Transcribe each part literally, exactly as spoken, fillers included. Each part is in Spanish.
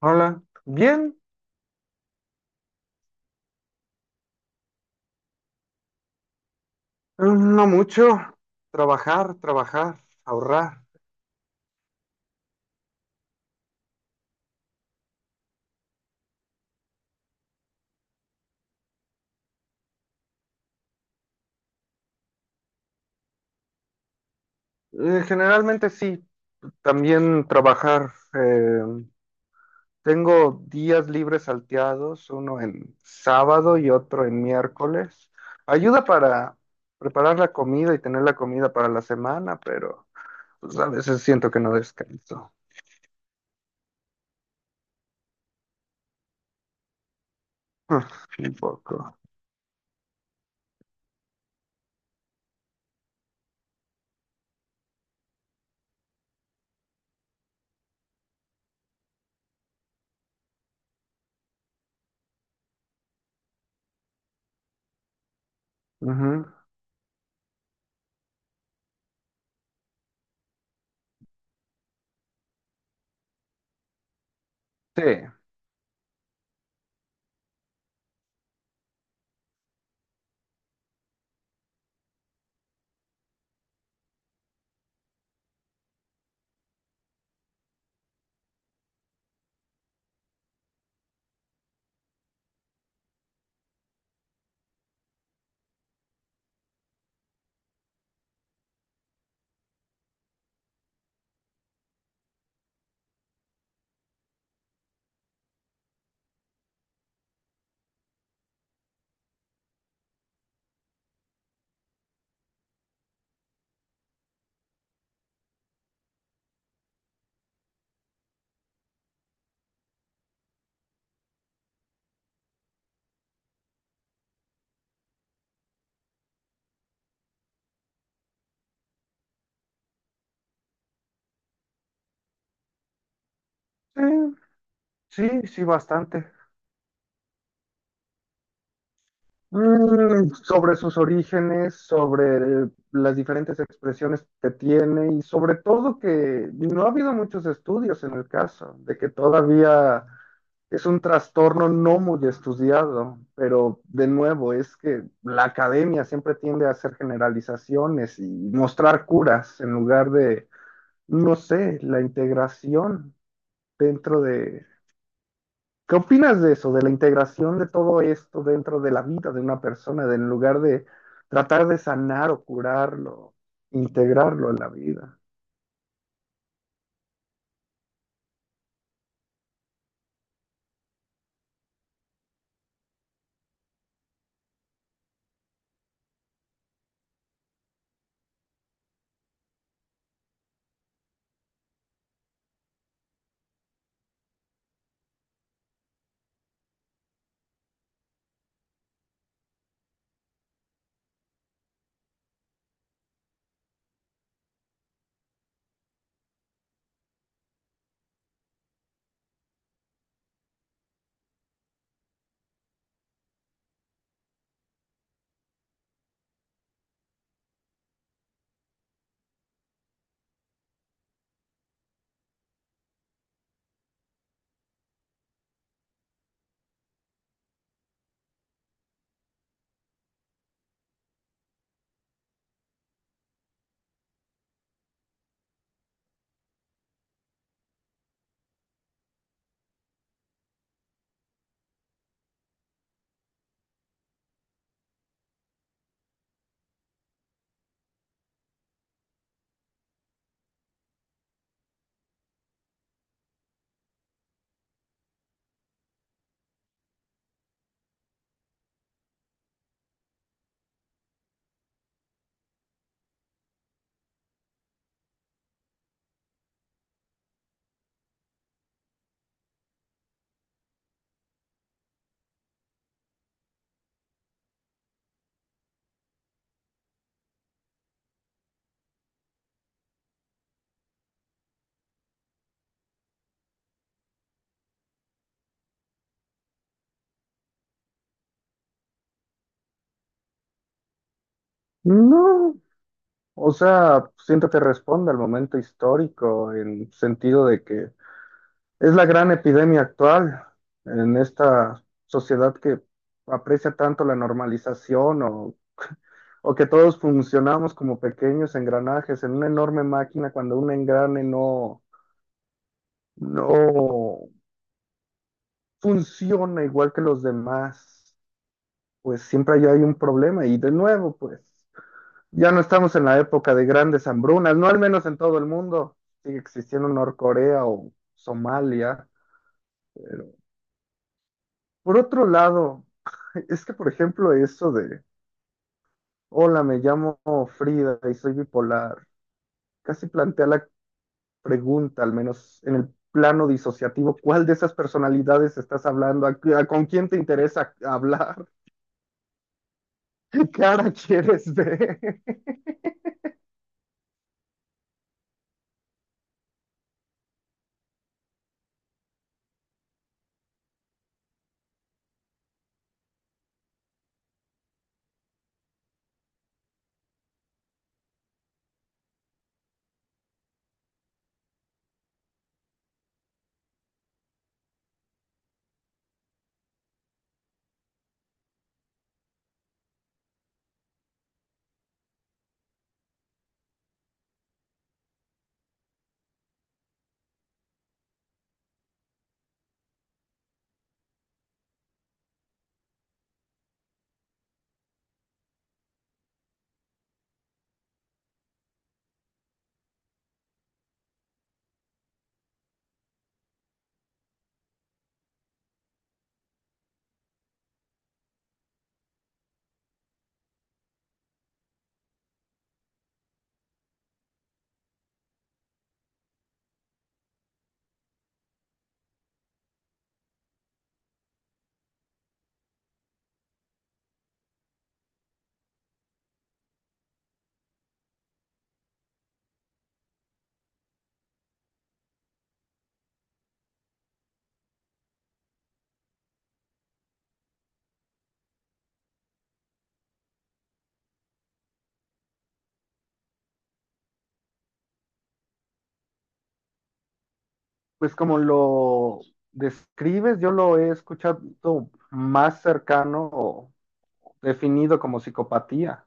Hola, bien, eh, no mucho. Trabajar, trabajar, ahorrar. Eh, generalmente sí, también trabajar. Eh, tengo días libres salteados, uno en sábado y otro en miércoles. Ayuda para preparar la comida y tener la comida para la semana, pero pues, a veces siento que no descanso. Un poco. Ujú. Sí, sí, sí, sí, bastante. Mm, sobre sus orígenes, sobre eh, las diferentes expresiones que tiene y sobre todo que no ha habido muchos estudios en el caso, de que todavía es un trastorno no muy estudiado, pero de nuevo es que la academia siempre tiende a hacer generalizaciones y mostrar curas en lugar de, no sé, la integración dentro. ¿Qué opinas de eso, de la integración de todo esto dentro de la vida de una persona, de en lugar de tratar de sanar o curarlo, integrarlo en la vida? No, o sea, siento que responde al momento histórico en sentido de que es la gran epidemia actual en esta sociedad que aprecia tanto la normalización o, o que todos funcionamos como pequeños engranajes en una enorme máquina cuando un engrane no, no funciona igual que los demás, pues siempre hay, hay un problema. Y de nuevo, pues ya no estamos en la época de grandes hambrunas, no al menos en todo el mundo. Sigue existiendo Norcorea o Somalia. Pero, por otro lado, es que, por ejemplo, eso de, hola, me llamo Frida y soy bipolar, casi plantea la pregunta, al menos en el plano disociativo, ¿cuál de esas personalidades estás hablando? ¿A- a- Con quién te interesa hablar? ¿Qué cara quieres ver? Pues como lo describes, yo lo he escuchado más cercano o definido como psicopatía.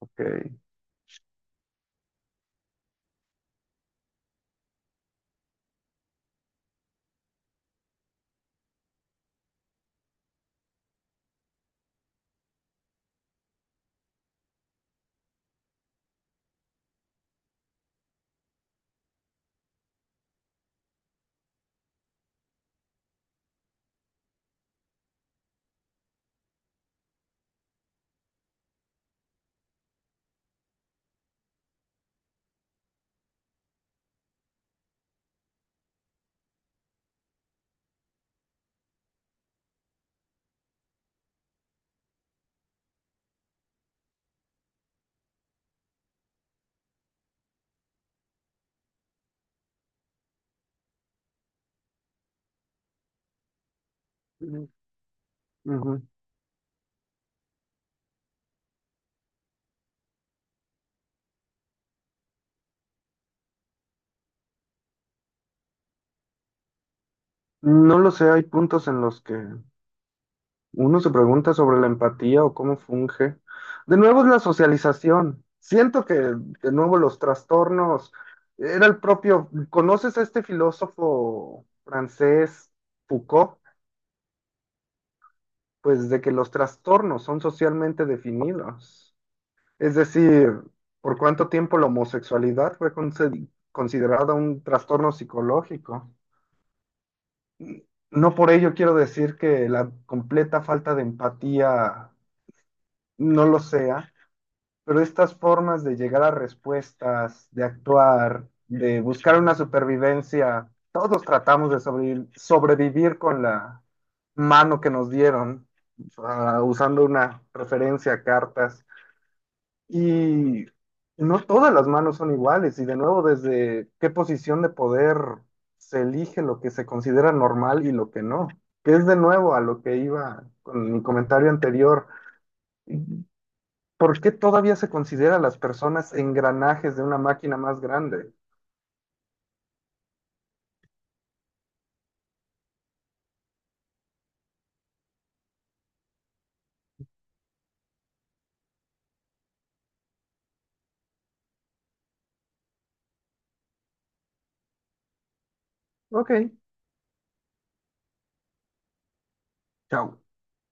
Ok. Mm, ujú. No lo sé, hay puntos en los que uno se pregunta sobre la empatía o cómo funge. De nuevo es la socialización. Siento que de nuevo los trastornos, era el propio, ¿conoces a este filósofo francés Foucault? Pues de que los trastornos son socialmente definidos. Es decir, ¿por cuánto tiempo la homosexualidad fue conse- considerada un trastorno psicológico? N- No por ello quiero decir que la completa falta de empatía no lo sea, pero estas formas de llegar a respuestas, de actuar, de buscar una supervivencia, todos tratamos de sobrevi- sobrevivir con la mano que nos dieron, ah, usando una referencia a cartas. Y no todas las manos son iguales, y de nuevo, desde qué posición de poder se elige lo que se considera normal y lo que no, que es de nuevo a lo que iba con mi comentario anterior. ¿Por qué todavía se considera a las personas engranajes de una máquina más grande? Ok, chao.